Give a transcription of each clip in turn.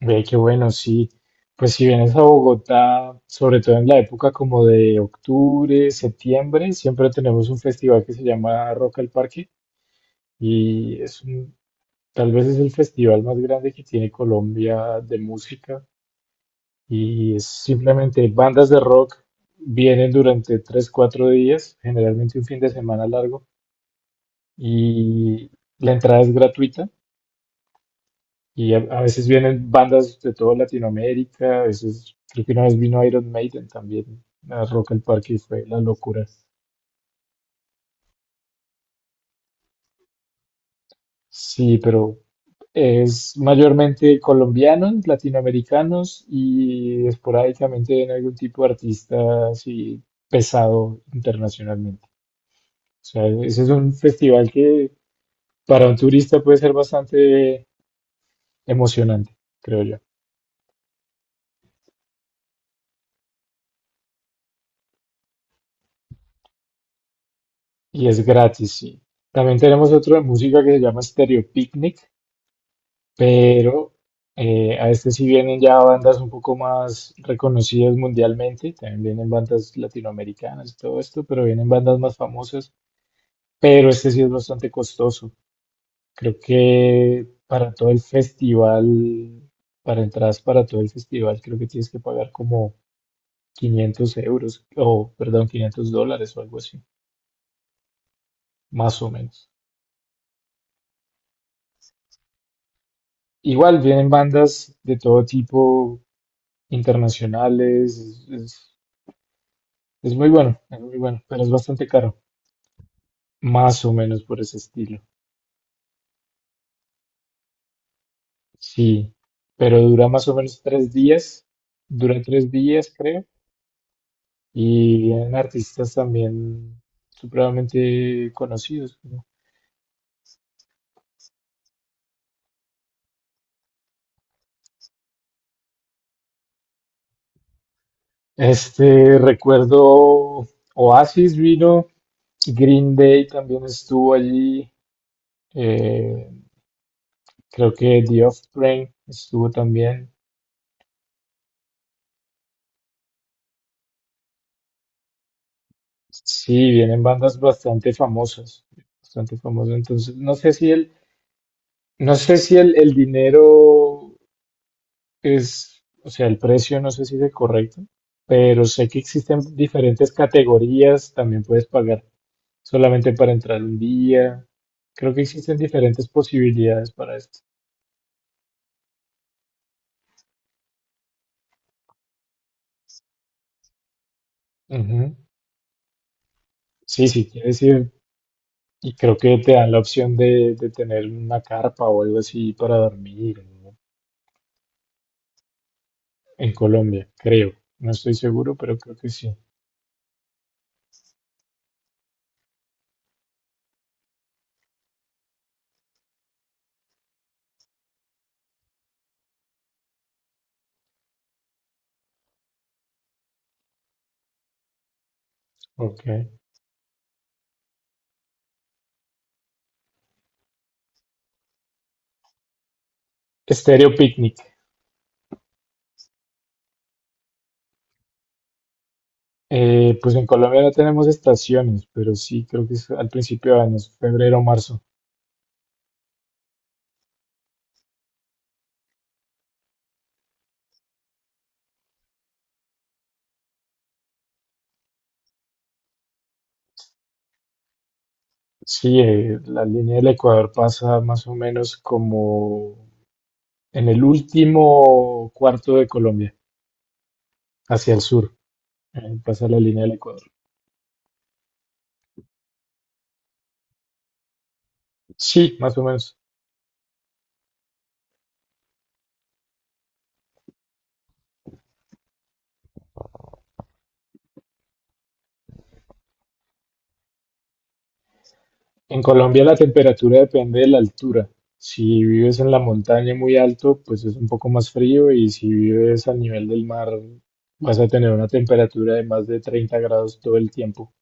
Ve que bueno, sí. Pues si vienes a Bogotá, sobre todo en la época como de octubre, septiembre, siempre tenemos un festival que se llama Rock al Parque y tal vez es el festival más grande que tiene Colombia de música y es simplemente bandas de rock, vienen durante tres, cuatro días, generalmente un fin de semana largo y la entrada es gratuita. Y a veces vienen bandas de toda Latinoamérica, a veces creo que una vez vino Iron Maiden también a Rock al Parque y fue la locura. Sí, pero es mayormente colombianos, latinoamericanos y esporádicamente en algún tipo de artista así pesado internacionalmente. O sea, ese es un festival que para un turista puede ser bastante emocionante, creo yo. Y es gratis, sí. También tenemos otro de música que se llama Stereo Picnic, pero a este sí vienen ya bandas un poco más reconocidas mundialmente, también vienen bandas latinoamericanas y todo esto, pero vienen bandas más famosas, pero este sí es bastante costoso. Creo que para todo el festival, para entradas para todo el festival, creo que tienes que pagar como 500 euros, o perdón, 500 dólares o algo así, más o menos. Igual vienen bandas de todo tipo, internacionales, es muy bueno, es muy bueno, pero es bastante caro. Más o menos por ese estilo. Sí, pero dura más o menos tres días. Dura tres días, creo. Y vienen artistas también supremamente conocidos, ¿no? Este, recuerdo Oasis vino, Green Day también estuvo allí. eh, Creo que The Offspring estuvo también. Sí, vienen bandas bastante famosas, bastante famosas. Entonces, no sé si el dinero es, o sea, el precio no sé si es el correcto, pero sé que existen diferentes categorías, también puedes pagar solamente para entrar un día. Creo que existen diferentes posibilidades para esto. Ujú. Sí, sí, quieres ir y creo que te dan la opción de tener una carpa o algo así para dormir, ¿no? En Colombia, creo. No estoy seguro, pero creo que sí. Ok. Estéreo Picnic. Pues en Colombia no tenemos estaciones, pero sí creo que es al principio de año, febrero o marzo. Sí, la línea del Ecuador pasa más o menos como en el último cuarto de Colombia, hacia el sur, pasa la línea del Ecuador. Sí, más o menos. En Colombia la temperatura depende de la altura. Si vives en la montaña muy alto, pues es un poco más frío y si vives al nivel del mar, vas a tener una temperatura de más de 30 grados todo el tiempo.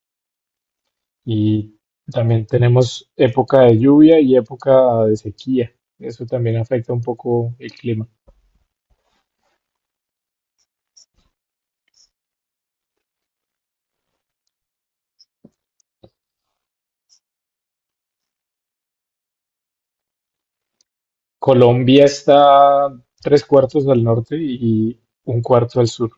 Y también tenemos época de lluvia y época de sequía. Eso también afecta un poco el clima. Colombia está tres cuartos al norte y un cuarto al sur.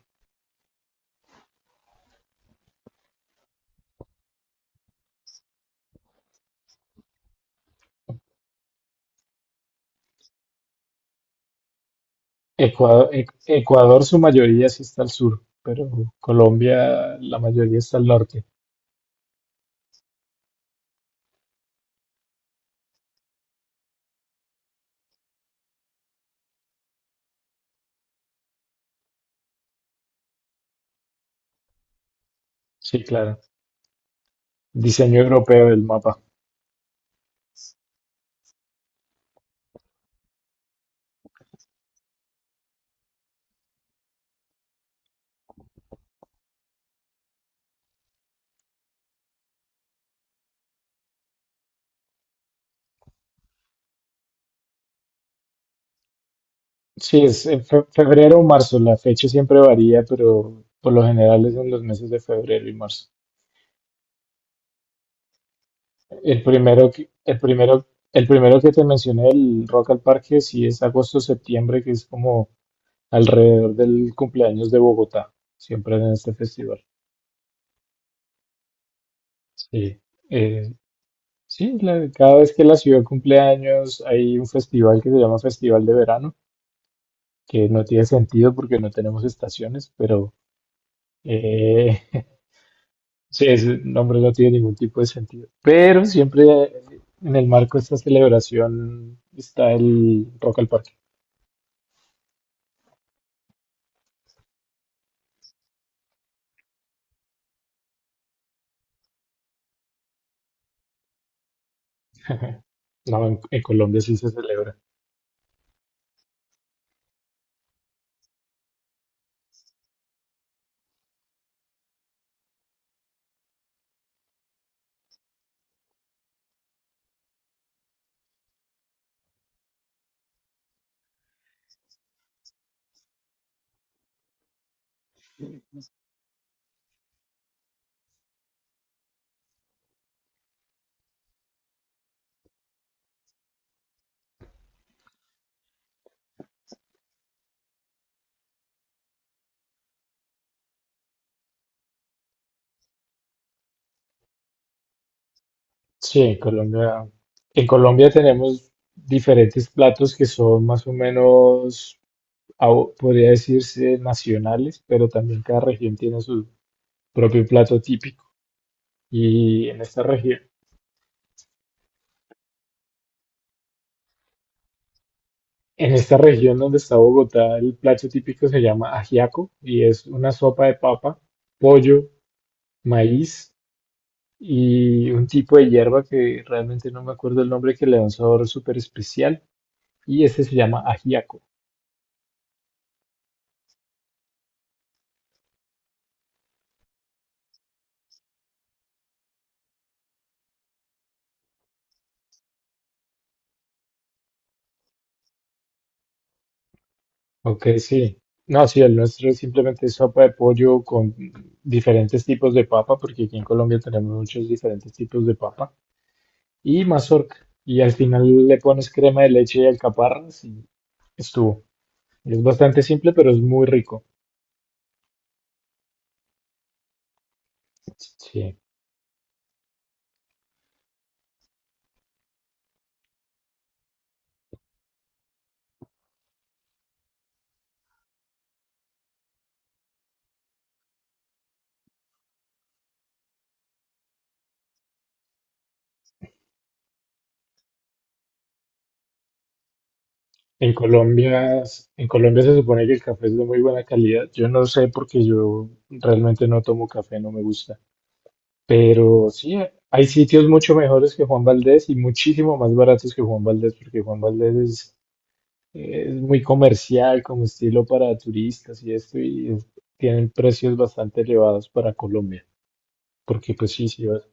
Ecuador, Ecuador, su mayoría sí está al sur, pero Colombia la mayoría está al norte. Sí, claro. Diseño europeo del mapa. Sí, es en febrero o marzo. La fecha siempre varía, pero por lo general es en los meses de febrero y marzo. El primero que, el primero, el primero que te mencioné, el Rock al Parque, sí es agosto-septiembre, que es como alrededor del cumpleaños de Bogotá, siempre en este festival. Sí, eh, cada vez que la ciudad cumple años hay un festival que se llama Festival de Verano, que no tiene sentido porque no tenemos estaciones, pero eh, sí, ese nombre no tiene ningún tipo de sentido. Pero siempre en el marco de esta celebración está el Rock al Parque. No, en Colombia sí se celebra. Sí, en Colombia tenemos diferentes platos que son más o menos, podría decirse, nacionales, pero también cada región tiene su propio plato típico. Y en esta región donde está Bogotá, el plato típico se llama ajiaco y es una sopa de papa, pollo, maíz y un tipo de hierba que realmente no me acuerdo el nombre que le da un sabor súper especial y este se llama ajiaco. Ok, sí. No, sí, el nuestro simplemente es simplemente sopa de pollo con diferentes tipos de papa, porque aquí en Colombia tenemos muchos diferentes tipos de papa, y mazorca. Y al final le pones crema de leche y alcaparras y estuvo. Es bastante simple, pero es muy rico. Sí. En Colombia, en Colombia se supone que el café es de muy buena calidad. Yo no sé porque yo realmente no tomo café, no me gusta. Pero sí, hay sitios mucho mejores que Juan Valdez y muchísimo más baratos que Juan Valdez, porque Juan Valdez es muy comercial como estilo para turistas y esto, y tienen precios bastante elevados para Colombia. Porque pues sí, sí,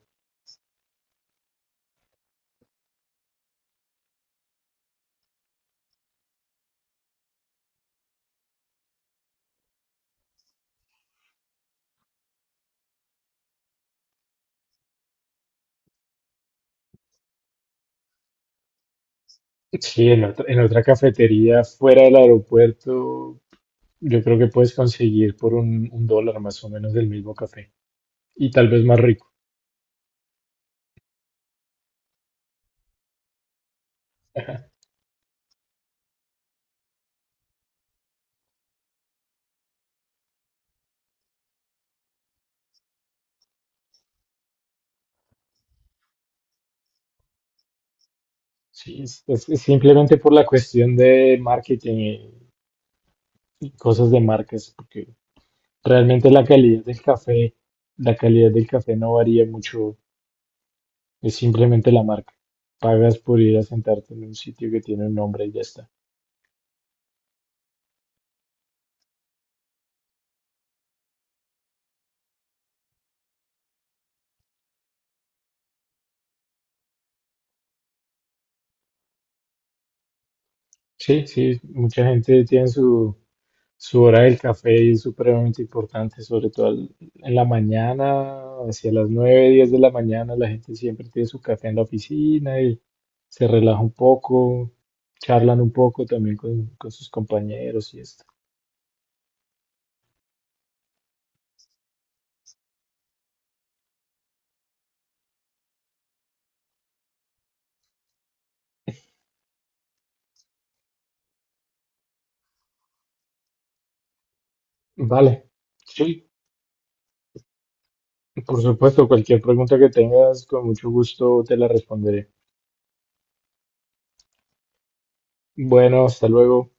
sí, en otra cafetería fuera del aeropuerto, yo creo que puedes conseguir por un dólar más o menos del mismo café y tal vez más rico. Sí, es simplemente por la cuestión de marketing y cosas de marcas, porque realmente la calidad del café no varía mucho, es simplemente la marca. Pagas por ir a sentarte en un sitio que tiene un nombre y ya está. Sí, sí, mucha gente tiene su hora del café y es supremamente importante, sobre todo en la mañana, hacia las 9, 10 de la mañana, la gente siempre tiene su café en la oficina y se relaja un poco, charlan un poco también con sus compañeros y esto. Vale. Sí, por supuesto, cualquier pregunta que tengas, con mucho gusto te la responderé. Bueno, hasta luego.